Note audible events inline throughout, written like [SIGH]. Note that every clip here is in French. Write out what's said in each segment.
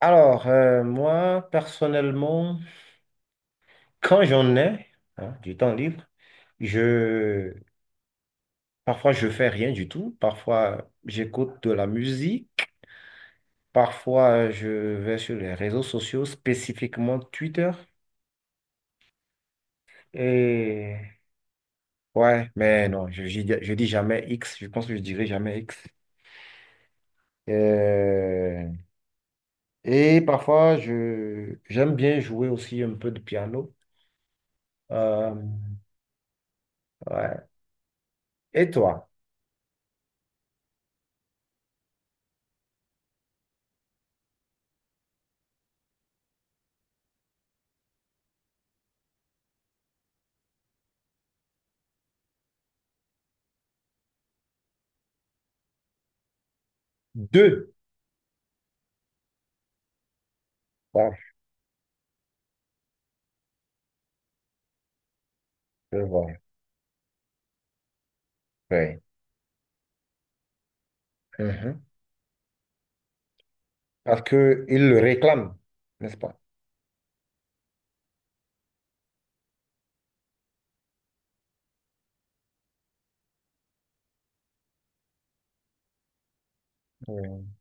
Alors, moi, personnellement, quand j'en ai hein, du temps libre, je parfois je fais rien du tout, parfois j'écoute de la musique, parfois je vais sur les réseaux sociaux, spécifiquement Twitter. Et ouais, mais non, je dis jamais X, je pense que je dirai jamais X. Euh, et parfois je j'aime bien jouer aussi un peu de piano. Euh, ouais. Et toi? Deux. Ah, je vois. Oui. Mhm. Parce qu'ils le réclament, n'est-ce pas? Oui.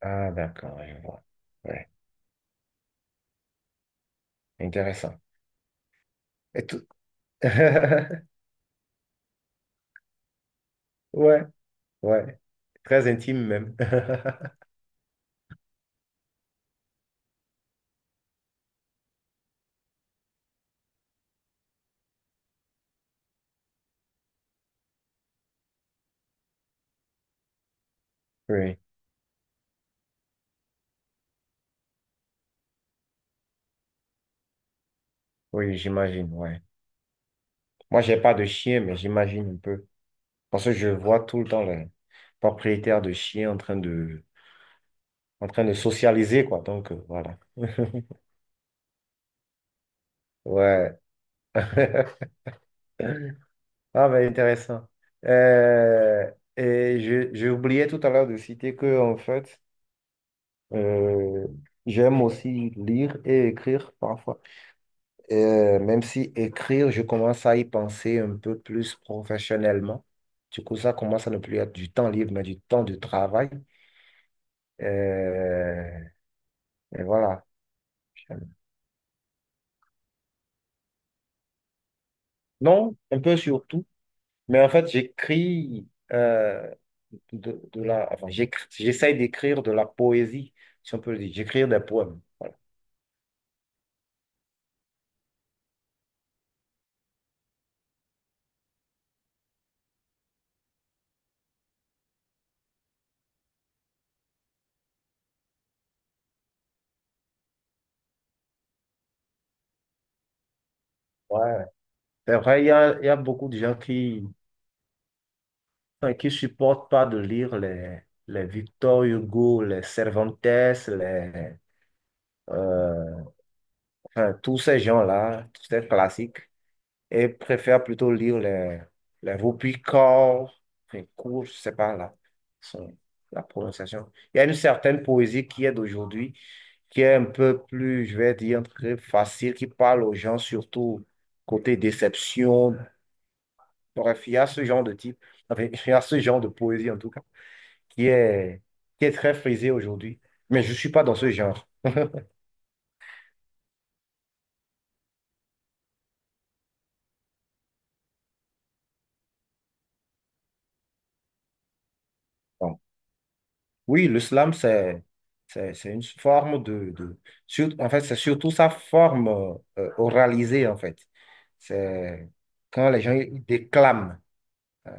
Ah, d'accord, je vois. Ouais, intéressant. Et tout. [LAUGHS] Ouais, ouais, très intime même. [LAUGHS] Oui, oui, j'imagine, ouais. Moi, j'ai pas de chien, mais j'imagine un peu. Parce que je vois tout le temps les propriétaires de chiens en train de socialiser, quoi. Donc, voilà. [LAUGHS] Ouais. [LAUGHS] Ah, mais intéressant. Euh, et j'ai oublié tout à l'heure de citer que, en fait, Euh, j'aime aussi lire et écrire parfois. Même si écrire, je commence à y penser un peu plus professionnellement. Du coup, ça commence à ne plus être du temps libre, mais du temps de travail. Euh, et voilà. Non, un peu surtout. Mais en fait, j'écris enfin, j'essaye d'écrire de la poésie, si on peut le dire. J'écris des poèmes. Ouais. C'est vrai, il y a beaucoup de gens qui enfin, qui supportent pas de lire les Victor Hugo, les Cervantes, euh, enfin, tous ces gens-là, tous ces classiques, et préfèrent plutôt lire les Vaupicor, enfin, Cour, je sais pas là, son- la prononciation. Il y a une certaine poésie qui est d'aujourd'hui, qui est un peu plus, je vais dire, très facile, qui parle aux gens surtout côté déception. Bref, il y a ce genre de type, enfin, [LAUGHS] il y a ce genre de poésie en tout cas, qui est, qui est très frisé aujourd'hui. Mais je ne suis pas dans ce genre. [LAUGHS] Donc, oui, le slam, c'est une forme en fait, c'est surtout sa forme oralisée, en fait. C'est quand les gens ils déclament, euh,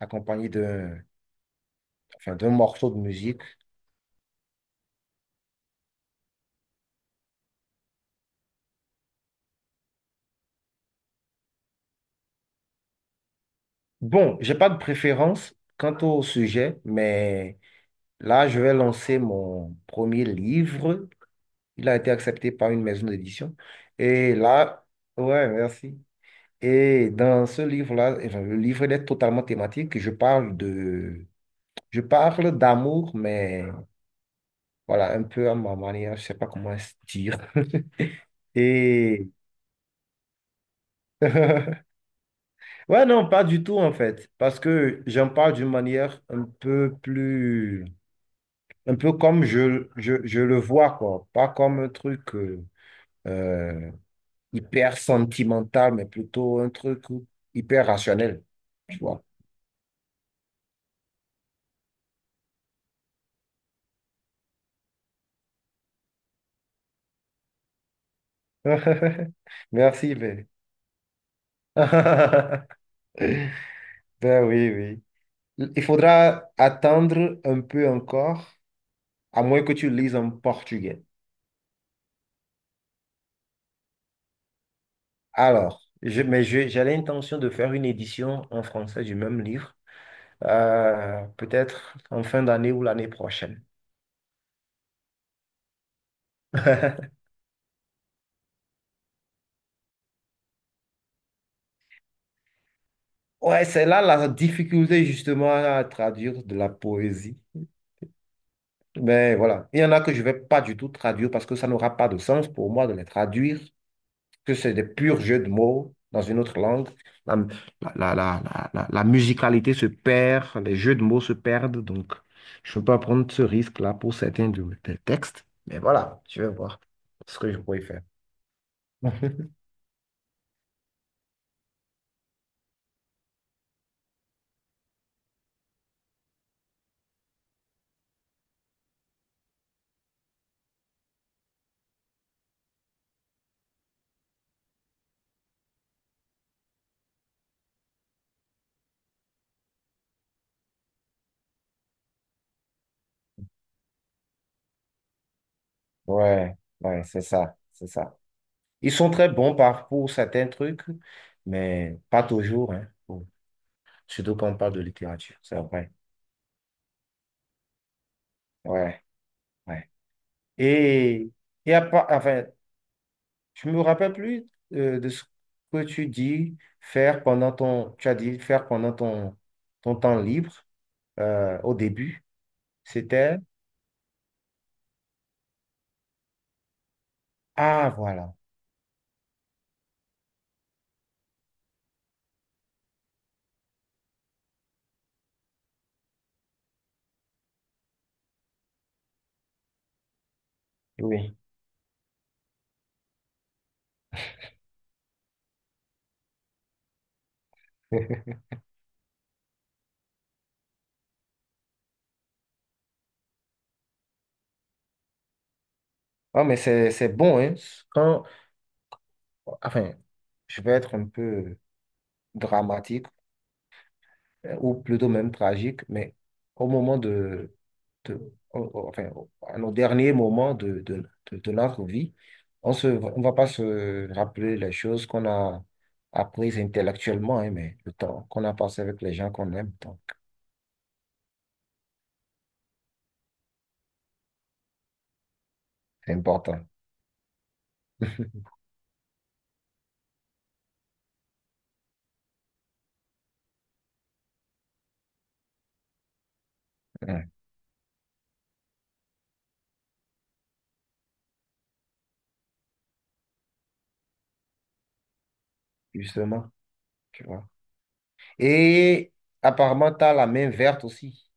accompagné enfin, d'un morceau de musique. Bon, j'ai pas de préférence quant au sujet, mais là, je vais lancer mon premier livre. Il a été accepté par une maison d'édition. Et là, ouais, merci. Et dans ce livre-là, enfin, le livre il est totalement thématique. Je parle d'amour, mais voilà, un peu à ma manière, je sais pas comment se dire. [LAUGHS] Et [LAUGHS] ouais, non, pas du tout en fait, parce que j'en parle d'une manière un peu plus, un peu comme je le vois, quoi, pas comme un truc, euh, hyper sentimental, mais plutôt un truc hyper rationnel, tu vois. [LAUGHS] Merci, Ben. [LAUGHS] Ben oui, oui. Il faudra attendre un peu encore, à moins que tu lises en portugais. Alors, j'ai l'intention de faire une édition en français du même livre, peut-être en fin d'année ou l'année prochaine. [LAUGHS] Ouais, c'est là la difficulté justement à traduire de la poésie. Mais voilà, il y en a que je ne vais pas du tout traduire parce que ça n'aura pas de sens pour moi de les traduire, que c'est des purs jeux de mots dans une autre langue. La, la musicalité se perd, les jeux de mots se perdent, donc je ne peux pas prendre ce risque-là pour certains des textes. Mais voilà, je vais voir ce que je pourrais faire. [LAUGHS] Ouais, ouais, c'est ça, c'est ça. Ils sont très bons pour certains trucs, mais pas toujours, hein, surtout quand on parle de littérature, c'est vrai. Ouais, ouais. Et, et enfin, je me rappelle plus de ce que tu as dit faire pendant ton temps libre au début. C'était, ah voilà, oui. [LAUGHS] Oh, mais c'est bon, hein. Quand, enfin, je vais être un peu dramatique, ou plutôt même tragique, mais au moment enfin, à nos derniers moments de notre vie, on va pas se rappeler les choses qu'on a apprises intellectuellement, hein, mais le temps qu'on a passé avec les gens qu'on aime, donc c'est important. [LAUGHS] Ouais, justement, tu vois. Et apparemment, tu as la main verte aussi,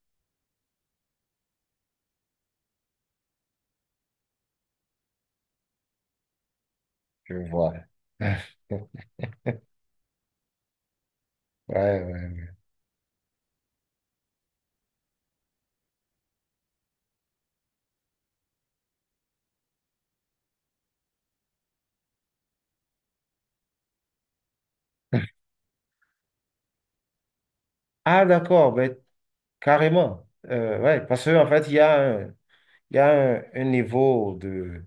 je vois. [LAUGHS] Ouais, ouais. Ah, d'accord, ben, carrément. Ouais, parce qu'en fait, il y a un niveau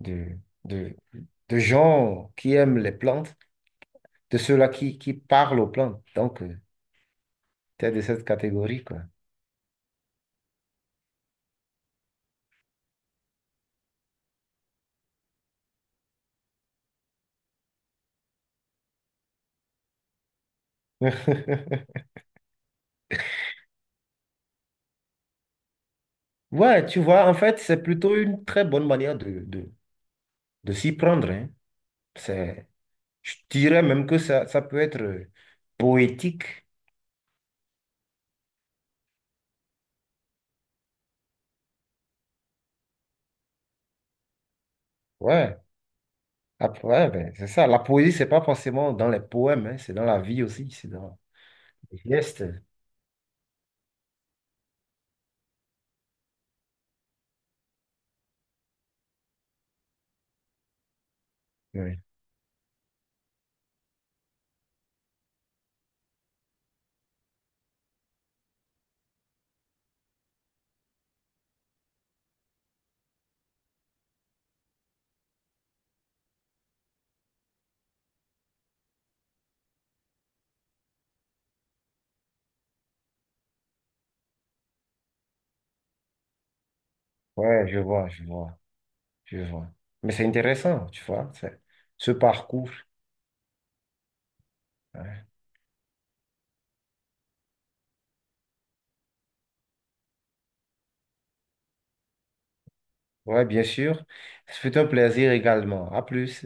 de, de, de gens qui aiment les plantes, de ceux-là qui parlent aux plantes. Donc, tu es de cette catégorie, quoi. [LAUGHS] Ouais, tu vois, en fait, c'est plutôt une très bonne manière de s'y prendre, hein. C'est, je dirais même que ça peut être poétique. Ouais, après, ouais, ben, c'est ça. La poésie, c'est pas forcément dans les poèmes, hein, c'est dans la vie aussi, c'est dans les gestes. Ouais, ouais, je vois, je vois. Tu vois. Mais c'est intéressant, tu vois, ce parcours. Ouais, ouais, bien sûr. C'est fut un plaisir également. À plus.